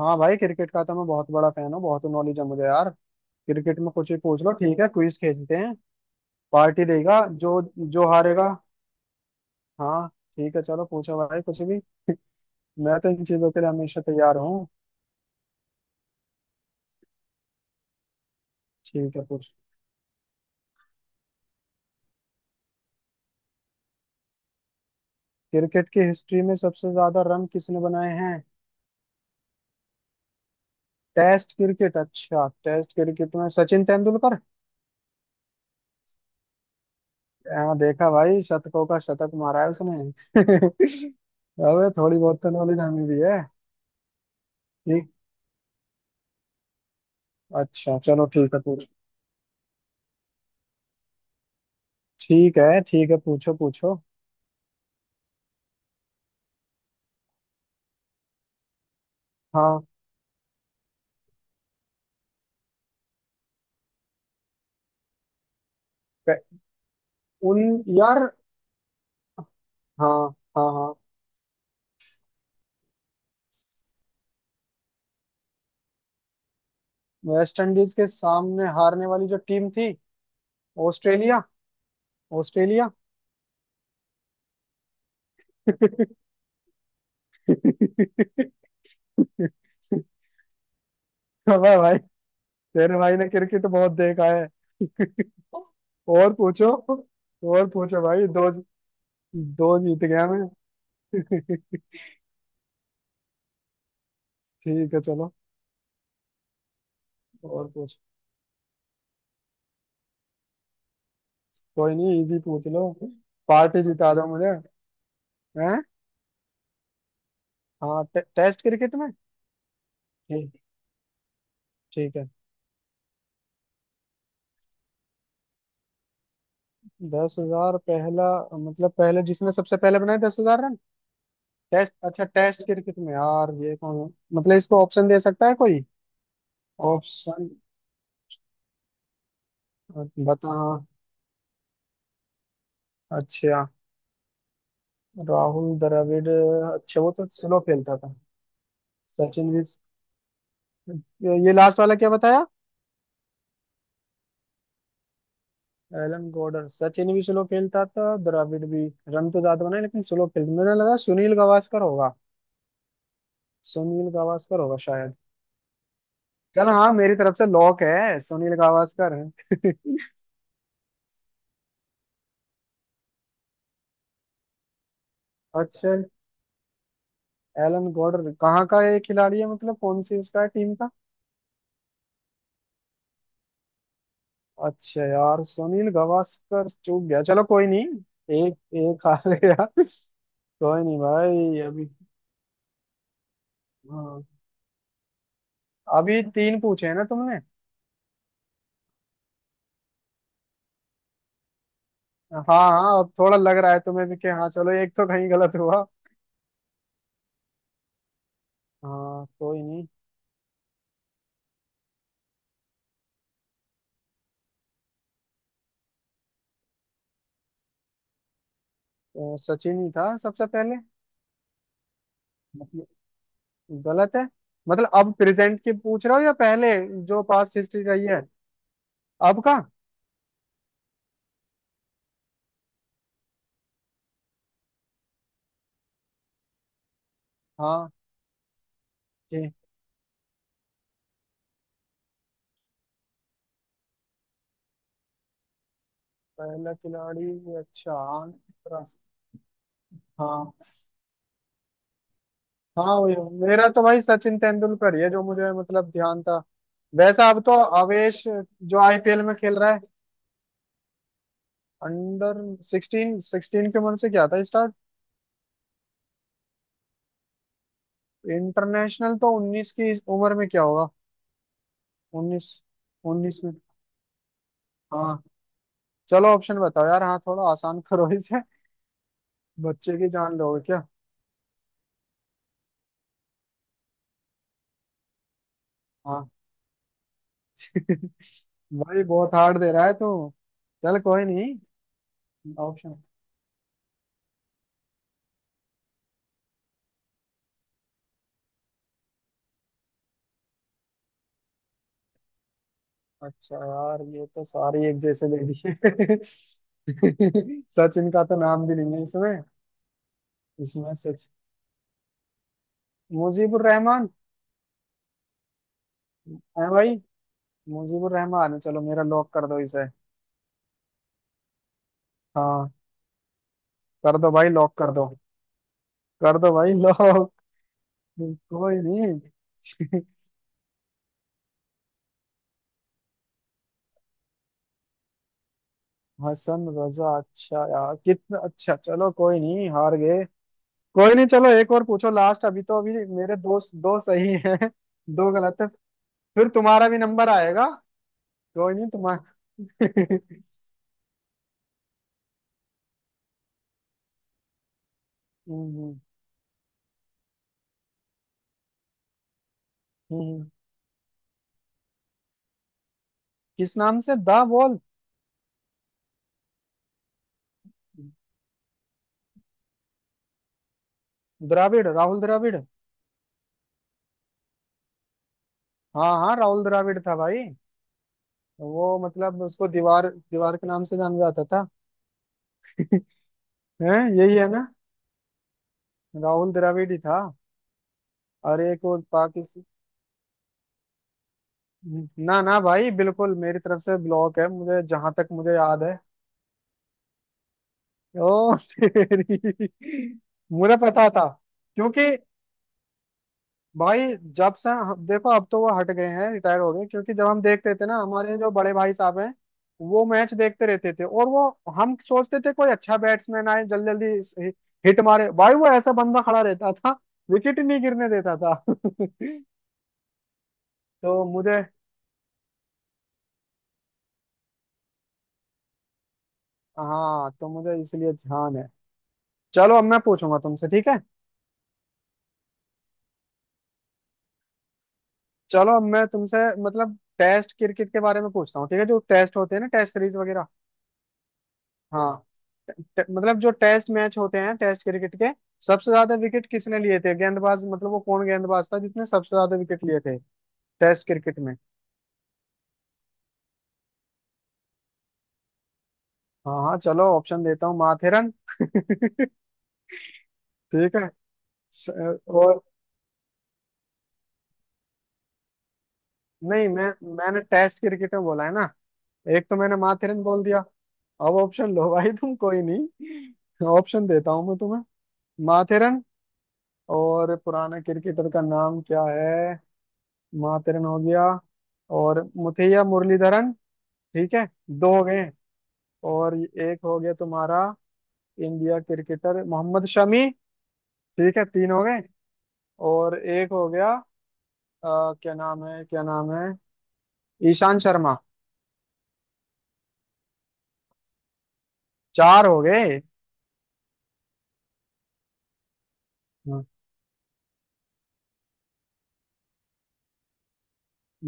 हाँ भाई, क्रिकेट का तो मैं बहुत बड़ा फैन हूँ। बहुत नॉलेज है मुझे यार। क्रिकेट में कुछ भी पूछ लो, ठीक है, क्विज खेलते हैं। पार्टी देगा जो जो हारेगा। हाँ, ठीक है चलो, पूछो भाई कुछ भी। मैं तो इन चीजों के लिए हमेशा तैयार हूँ। ठीक है, पूछ। क्रिकेट की हिस्ट्री में सबसे ज्यादा रन किसने बनाए हैं? टेस्ट क्रिकेट, अच्छा, टेस्ट क्रिकेट में सचिन तेंदुलकर। हाँ देखा भाई, शतकों का शतक मारा है उसने। अबे थोड़ी बहुत तो नॉलेज हमें भी है। ठीक। अच्छा चलो ठीक है, पूछ। ठीक है ठीक है, पूछो पूछो। हाँ, क- उन यार, हाँ, हाँ हाँ। वेस्ट इंडीज के सामने हारने वाली जो टीम थी, ऑस्ट्रेलिया। ऑस्ट्रेलिया। अबे भाई, तेरे भाई ने क्रिकेट बहुत देखा है। और पूछो, और पूछो भाई, दो, दो जीत गया मैं। ठीक है चलो, और पूछ। कोई नहीं, इजी पूछ लो। पार्टी जिता दो मुझे। हैं? हाँ, टेस्ट क्रिकेट में। ठीक। ठीक है। 10,000 पहला? मतलब, पहले जिसने सबसे पहले बनाए 10,000 रन? टेस्ट, अच्छा, टेस्ट क्रिकेट में। यार ये कौन? मतलब इसको ऑप्शन दे सकता है कोई? ऑप्शन बता। अच्छा। राहुल द्रविड़। अच्छा, वो तो स्लो खेलता था। सचिन भी। ये लास्ट वाला क्या बताया? एलन गॉडर। सचिन भी स्लो खेलता था, द्रविड़ भी। रन तो ज्यादा बनाए, लेकिन स्लो खेलता। मुझे लगा सुनील गावस्कर होगा। सुनील गावस्कर होगा शायद। चल हाँ, मेरी तरफ से लॉक है, सुनील गावस्कर है। अच्छा। एलन गॉडर कहाँ का ये खिलाड़ी है? मतलब कौन सी उसका है टीम का? अच्छा यार, सुनील गावस्कर चूक गया, चलो कोई नहीं। एक एक हार गया। कोई नहीं भाई, अभी। हाँ, अभी तीन पूछे हैं ना तुमने। हाँ हाँ, अब थोड़ा लग रहा है तुम्हें भी कि हाँ चलो, एक तो कहीं गलत हुआ। हाँ, कोई नहीं। तो सचिन ही था सबसे पहले। मतलब गलत है? मतलब अब प्रेजेंट की पूछ रहे हो या पहले जो पास्ट हिस्ट्री रही है? अब का? हाँ। ठीक। पहला खिलाड़ी, अच्छा। रास- हाँ। हाँ वही- मेरा तो भाई सचिन तेंदुलकर ही है जो मुझे मतलब ध्यान था। वैसा अब तो आवेश जो आईपीएल में खेल रहा है, अंडर 16, 16 के मन से क्या था स्टार्ट। इंटरनेशनल तो 19 की, इस उम्र में क्या होगा? 19। 19 में। हाँ, चलो ऑप्शन बताओ यार, हाँ, थोड़ा आसान करो इसे। बच्चे की जान लोगे क्या? हाँ। भाई बहुत हार्ड दे रहा है तू। चल कोई नहीं। ऑप्शन। अच्छा यार, ये तो सारी एक जैसे दे दिए। सचिन का तो नाम भी नहीं है इसमें। इसमें सच, मुजीबुर रहमान है भाई। मुजीबुर रहमान है, चलो मेरा लॉक कर दो इसे। हाँ, कर दो भाई, लॉक कर दो। कर दो भाई, लॉक। कोई नहीं। हसन रजा, अच्छा यार, कितना अच्छा, चलो कोई नहीं, हार गए। कोई नहीं, चलो एक और पूछो लास्ट। अभी तो अभी मेरे दोस्त दो सही हैं, दो गलत है। फिर तुम्हारा भी नंबर आएगा। कोई नहीं तुम्हारा। हम्म, हम्म। हम्म। किस नाम से? दा वॉल। द्राविड़, राहुल द्राविड़। हाँ हाँ, राहुल द्राविड़ था भाई। वो मतलब उसको दीवार दीवार के नाम से जाना जाता था। है। यही है ना? राहुल द्रविड़ ही था। और एक वो पाकिस्तान। ना ना भाई, बिल्कुल मेरी तरफ से ब्लॉक है, मुझे जहां तक मुझे याद है। ओ तेरी। मुझे पता था, क्योंकि भाई जब से देखो, अब तो वो हट गए हैं, रिटायर हो गए, क्योंकि जब हम देखते थे ना, हमारे जो बड़े भाई साहब हैं, वो मैच देखते रहते थे। और वो, हम सोचते थे कोई अच्छा बैट्समैन आए, जल्दी जल्दी हिट मारे भाई। वो ऐसा बंदा खड़ा रहता था, विकेट नहीं गिरने देता था। तो मुझे, हाँ तो मुझे इसलिए ध्यान है। चलो अब मैं पूछूंगा तुमसे, ठीक है? चलो अब मैं तुमसे मतलब टेस्ट क्रिकेट के बारे में पूछता हूँ, ठीक है, जो टेस्ट होते हैं ना, टेस्ट सीरीज वगैरह। हाँ। मतलब जो टेस्ट मैच होते हैं, टेस्ट क्रिकेट के सबसे ज्यादा विकेट किसने लिए थे? गेंदबाज, मतलब वो कौन गेंदबाज था जिसने सबसे ज्यादा विकेट लिए थे टेस्ट क्रिकेट में? हाँ हाँ, चलो ऑप्शन देता हूँ, माथेरन। ठीक है। स- और, नहीं, मैं, मैंने टेस्ट क्रिकेट में बोला है ना। एक तो मैंने माथेरन बोल दिया। अब ऑप्शन लो भाई तुम, कोई नहीं ऑप्शन देता हूँ मैं तुम्हें। माथेरन, और पुराना क्रिकेटर का नाम क्या है? माथेरन हो गया, और मुथैया मुरलीधरन, ठीक है, दो हो गए। और एक हो गया तुम्हारा, इंडिया क्रिकेटर मोहम्मद शमी, ठीक है, तीन हो गए। और एक हो गया, अ, क्या नाम है, क्या नाम है, ईशान शर्मा, चार हो गए। हम्म।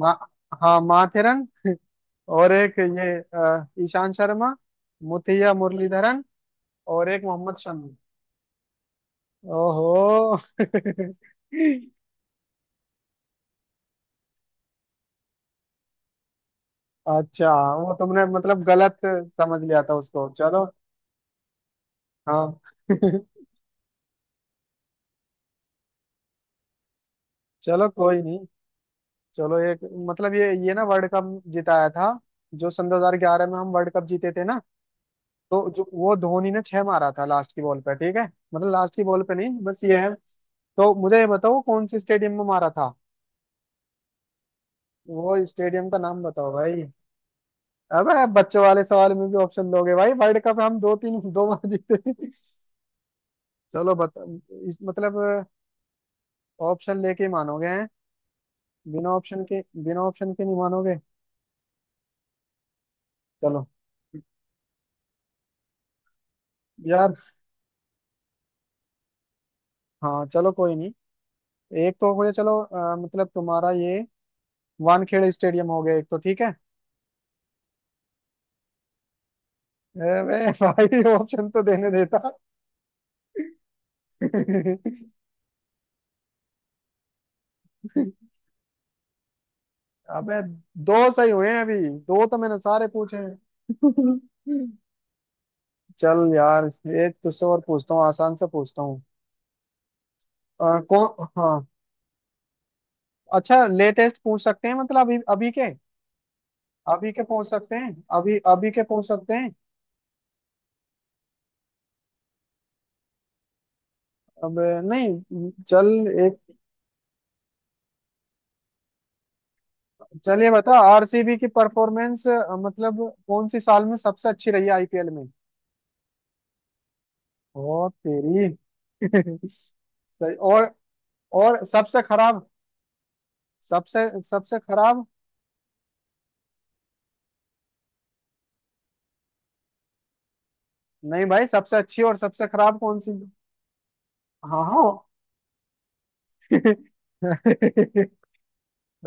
मा, हाँ माथेरन। और एक ये ईशान शर्मा, मुथिया मुरलीधरन, और एक मोहम्मद शमी। ओहो। अच्छा, वो तुमने मतलब गलत समझ लिया था उसको, चलो। हाँ। चलो कोई नहीं, चलो एक। मतलब ये ना वर्ल्ड कप जिताया था, जो सन 2011 में हम वर्ल्ड कप जीते थे ना, तो जो वो धोनी ने छह मारा था लास्ट की बॉल पे, ठीक है, मतलब लास्ट की बॉल पे नहीं, बस ये है, तो मुझे ये बताओ, कौन से स्टेडियम में मारा था? वो स्टेडियम का नाम बताओ भाई। अबे, बच्चों वाले सवाल में भी ऑप्शन दोगे भाई? वर्ल्ड कप हम दो तीन, दो बार जीते। चलो बता, इस मतलब ऑप्शन लेके ही मानोगे? हैं? बिना ऑप्शन के, बिना ऑप्शन के नहीं मानोगे? चलो यार। हाँ चलो कोई नहीं, एक तो हो गया, चलो मतलब तुम्हारा ये वानखेड़े स्टेडियम हो गया एक तो, ठीक है। अबे भाई, ऑप्शन तो देने देता। अबे दो सही हुए हैं अभी, दो तो मैंने सारे पूछे हैं। चल यार, एक तुझसे और पूछता हूँ, आसान से पूछता हूँ। कौन, हाँ, अच्छा लेटेस्ट पूछ सकते हैं, मतलब अभी अभी के। अभी के पूछ सकते हैं? अभी अभी के पूछ सकते हैं? अब नहीं, चल। एक, चलिए बताओ, आरसीबी की परफॉर्मेंस मतलब कौन सी साल में सबसे अच्छी रही है आईपीएल में? ओ तेरी। सही, और सबसे खराब, सबसे सबसे खराब। नहीं भाई, सबसे अच्छी और सबसे खराब कौन सी? हाँ हाँ।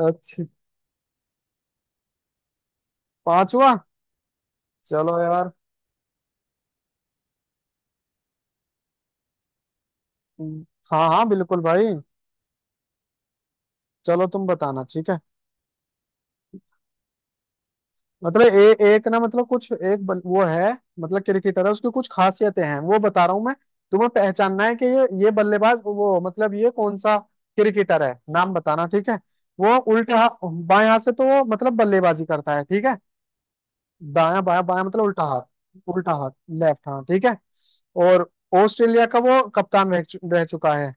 अच्छा, पांचवा। चलो यार। हाँ हाँ, बिल्कुल भाई। चलो तुम बताना, ठीक है? मतलब एक ना, मतलब कुछ एक वो है, मतलब क्रिकेटर है, उसकी कुछ खासियतें हैं वो बता रहा हूँ मैं, तुम्हें पहचानना है कि ये बल्लेबाज, वो मतलब ये कौन सा क्रिकेटर है, नाम बताना, ठीक है? वो उल्टा बाएं हाथ से तो वो मतलब बल्लेबाजी करता है, ठीक है। दायां, बायां, बायां, मतलब उल्टा हाथ, उल्टा हाथ। लेफ्ट हाथ, ठीक है। और ऑस्ट्रेलिया का वो कप्तान रह चुका है,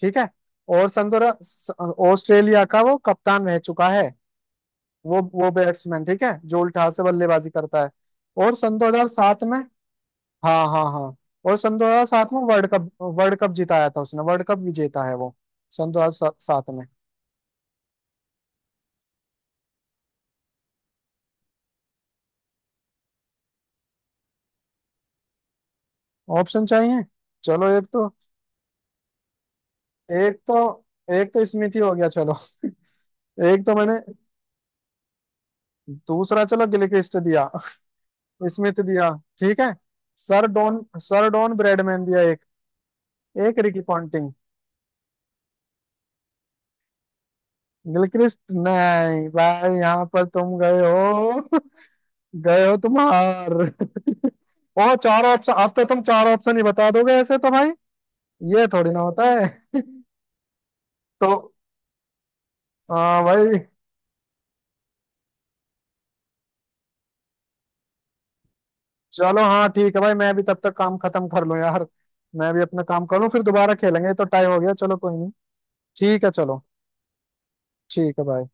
ठीक है। और सन दो हजार- स- ऑस्ट्रेलिया का वो कप्तान रह चुका है। वो बैट्समैन ठीक है, जो उल्टा से बल्लेबाजी करता है। और सन 2007 में, हाँ हाँ हाँ, और सन 2007 में वर्ल्ड कप, वर्ल्ड कप जिताया था उसने, वर्ल्ड कप विजेता है वो सन 2007 में। ऑप्शन चाहिए। चलो एक तो, एक तो, एक तो स्मिथ ही हो गया चलो। एक तो मैंने, दूसरा चलो गिलक्रिस्ट दिया, स्मिथ दिया, ठीक है। Sir Don, sir Don Bradman दिया एक, एक रिकी पॉन्टिंग। गिलक्रिस्ट, नहीं भाई, यहाँ पर तुम गए हो, गए हो तुम हार। और चार ऑप्शन, अब तो तुम चार ऑप्शन ही बता दोगे ऐसे तो भाई, ये थोड़ी ना होता है। तो, हाँ भाई। चलो हाँ, ठीक है भाई, मैं भी तब तक काम खत्म कर लूँ यार। मैं भी अपना काम कर लूँ, फिर दोबारा खेलेंगे, ये तो टाइम हो गया, चलो कोई नहीं। ठीक है चलो। ठीक है भाई।